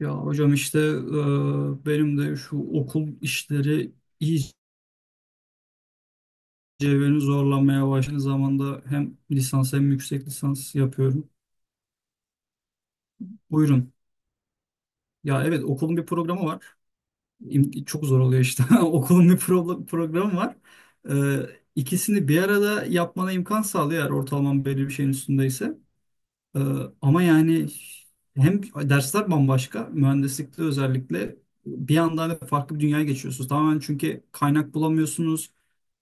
Ya hocam işte benim de şu okul işleri iyice beni zorlamaya başladı. Zamanda hem lisans hem yüksek lisans yapıyorum. Buyurun. Ya evet okulun bir programı var. Çok zor oluyor işte. Okulun bir programı var. E, ikisini bir arada yapmana imkan sağlıyor eğer ortalaman belli bir şeyin üstündeyse. E, Ama yani hem dersler bambaşka. Mühendislikte özellikle bir anda hani farklı bir dünyaya geçiyorsunuz. Tamamen çünkü kaynak bulamıyorsunuz.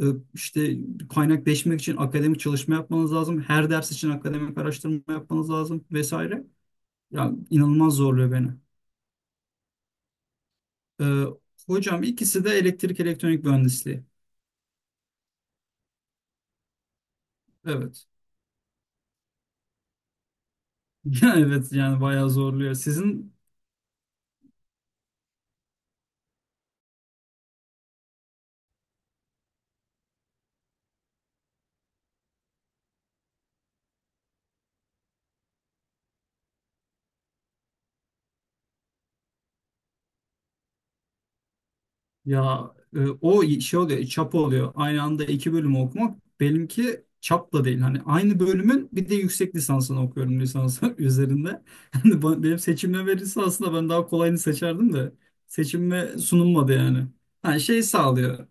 E, işte kaynakleşmek için akademik çalışma yapmanız lazım. Her ders için akademik araştırma yapmanız lazım vesaire. Ya inanılmaz zorluyor beni. E, Hocam ikisi de elektrik elektronik mühendisliği. Evet. Evet yani bayağı zorluyor. Sizin ya o şey oluyor, çap oluyor. Aynı anda iki bölümü okumak benimki çapla değil. Hani aynı bölümün bir de yüksek lisansını okuyorum lisans üzerinde. Hani benim seçimime verirse aslında ben daha kolayını seçerdim de seçimime sunulmadı yani. Yani şey sağlıyor.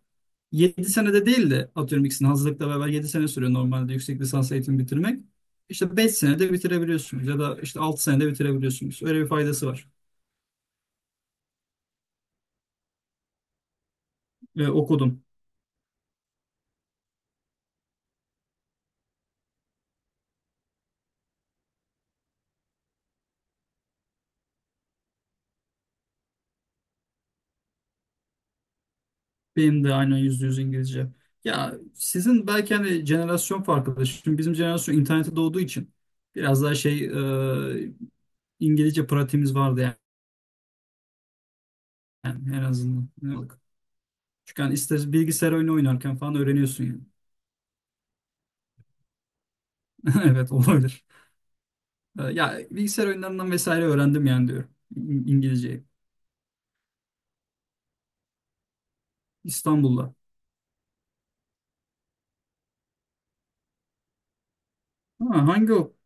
7 senede değil de atıyorum ikisini hazırlıkla beraber 7 sene sürüyor normalde yüksek lisans eğitimi bitirmek. İşte 5 senede bitirebiliyorsunuz ya da işte 6 senede bitirebiliyorsunuz. Öyle bir faydası var. Okudum. Benim de aynen yüzde yüz İngilizce. Ya sizin belki hani jenerasyon farkıdır. Şimdi bizim jenerasyon internete doğduğu için biraz daha şey e, İngilizce pratiğimiz vardı yani, yani en azından. Ne olacak? Çünkü hani ister bilgisayar oyunu oynarken falan öğreniyorsun yani. Evet olabilir. Ya bilgisayar oyunlarından vesaire öğrendim yani diyorum İngilizceyi. İstanbul'da. Ha, hangi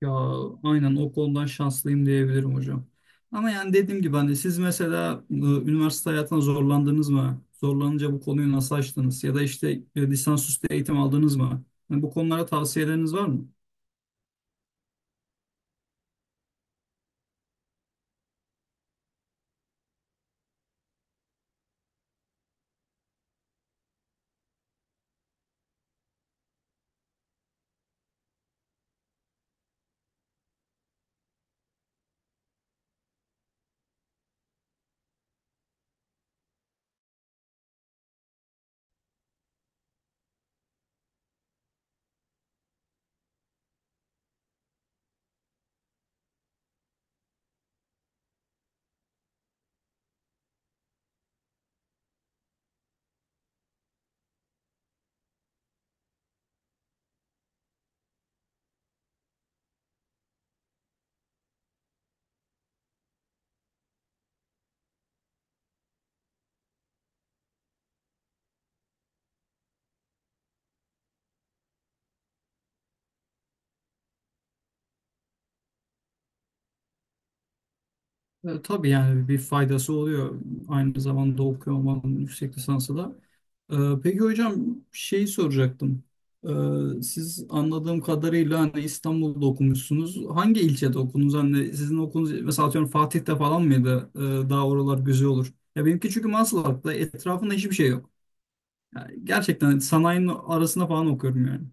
ya aynen o konudan şanslıyım diyebilirim hocam. Ama yani dediğim gibi hani siz mesela üniversite hayatına zorlandınız mı? Zorlanınca bu konuyu nasıl açtınız? Ya da işte lisansüstü eğitim aldınız mı? Yani bu konulara tavsiyeleriniz var mı? Tabii yani bir faydası oluyor. Aynı zamanda okuyor olmanın yüksek lisansı da. Ee, Peki hocam şeyi soracaktım. Siz anladığım kadarıyla hani İstanbul'da okumuşsunuz. Hangi ilçede okudunuz? Hani sizin okulunuz mesela atıyorum Fatih'te falan mıydı? Daha oralar güzel olur. Ya benimki çünkü Maslak'ta etrafında hiçbir şey yok. Yani gerçekten sanayinin arasında falan okuyorum yani.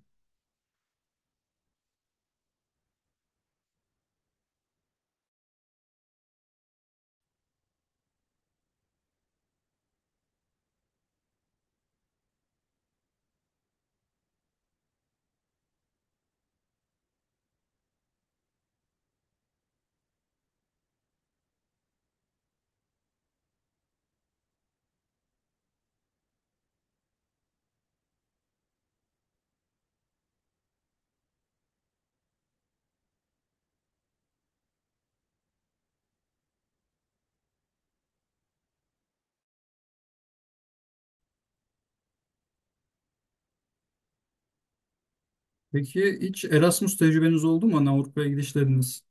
Peki hiç Erasmus tecrübeniz oldu mu? Hani Avrupa'ya gidişleriniz?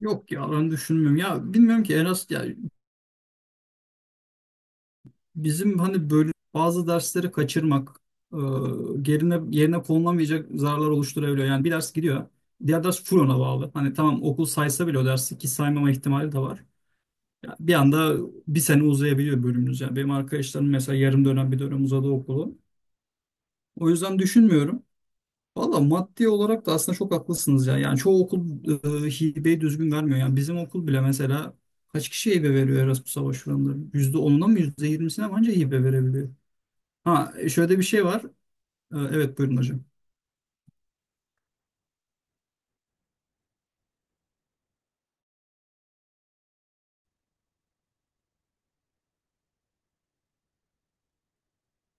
Yok ya ben düşünmüyorum. Ya bilmiyorum ki Erasmus ya bizim hani böyle bazı dersleri kaçırmak, e, yerine konulamayacak zararlar oluşturabiliyor. Yani bir ders gidiyor, diğer ders full ona bağlı. Hani tamam okul saysa bile o dersi ki saymama ihtimali de var. Ya bir anda bir sene uzayabiliyor bölümümüz. Yani benim arkadaşlarım mesela yarım dönem bir dönem uzadı okulu. O yüzden düşünmüyorum. Valla maddi olarak da aslında çok haklısınız ya. Yani çoğu okul hibeyi düzgün vermiyor. Yani bizim okul bile mesela kaç kişiye hibe veriyor Erasmus'a başvuranların? %10'una mı %20'sine mi anca hibe verebiliyor? Ha şöyle bir şey var. Evet buyurun hocam.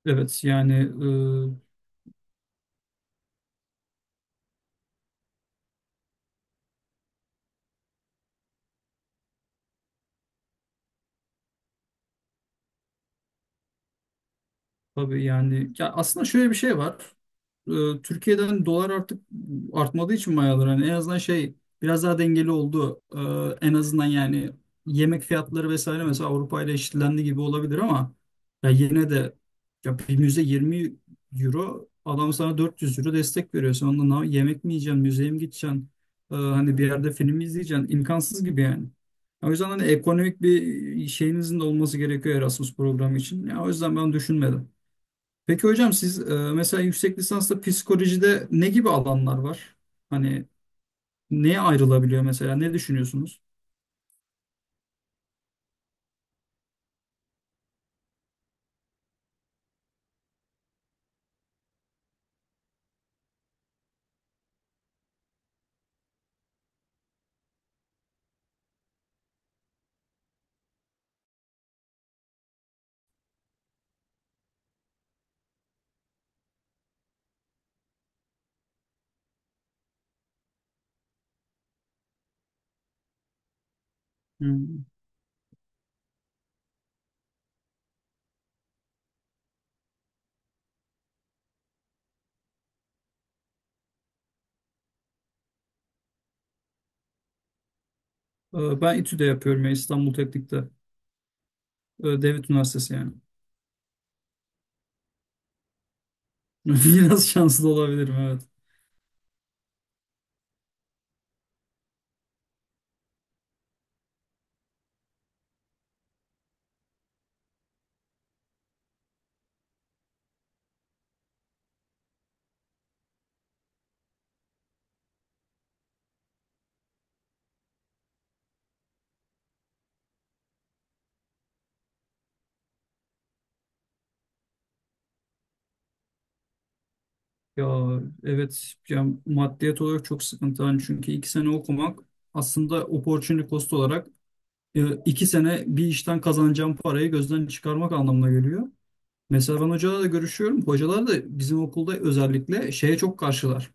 Evet yani e, tabii yani ya aslında şöyle bir şey var. Türkiye'den dolar artık artmadığı için mayalar hani en azından şey biraz daha dengeli oldu. En azından yani yemek fiyatları vesaire mesela Avrupa ile eşitlendi gibi olabilir ama ya yine de ya bir müze 20 euro adam sana 400 euro destek veriyor. Sen ondan yemek mi yiyeceksin, müzeye mi gideceksin? Hani bir yerde film mi izleyeceksin? İmkansız gibi yani. O yüzden hani ekonomik bir şeyinizin de olması gerekiyor Erasmus programı için. Ya o yüzden ben düşünmedim. Peki hocam siz mesela yüksek lisansta psikolojide ne gibi alanlar var? Hani neye ayrılabiliyor mesela? Ne düşünüyorsunuz? Hmm. Ben İTÜ'de yapıyorum ya İstanbul Teknik'te. Devlet Üniversitesi yani. Biraz şanslı olabilirim evet. Ya evet ya maddiyat olarak çok sıkıntı hani çünkü iki sene okumak aslında opportunity cost olarak iki sene bir işten kazanacağım parayı gözden çıkarmak anlamına geliyor. Mesela ben hocalarla görüşüyorum. Hocalar da bizim okulda özellikle şeye çok karşılar.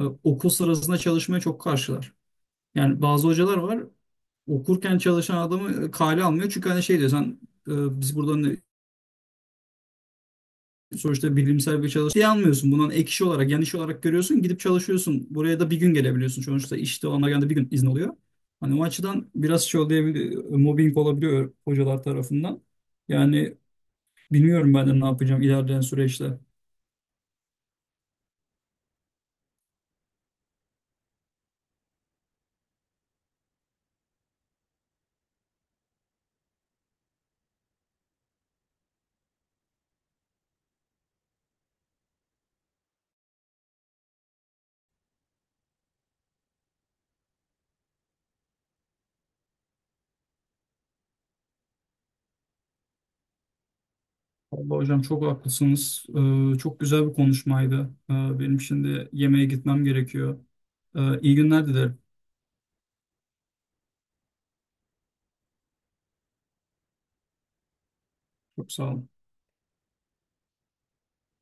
Okul sırasında çalışmaya çok karşılar. Yani bazı hocalar var okurken çalışan adamı kale almıyor. Çünkü hani şey diyor sen biz burada sonuçta bilimsel bir çalışma şey almıyorsun. Bundan ek iş olarak, yan iş olarak görüyorsun. Gidip çalışıyorsun. Buraya da bir gün gelebiliyorsun. Sonuçta işte ona genelde bir gün izin oluyor. Hani o açıdan biraz şey olabiliyor, mobbing olabiliyor hocalar tarafından. Yani bilmiyorum ben de ne yapacağım ilerleyen süreçte. Vallahi hocam çok haklısınız. Çok güzel bir konuşmaydı. Benim şimdi yemeğe gitmem gerekiyor. İyi günler dilerim. Çok sağ olun.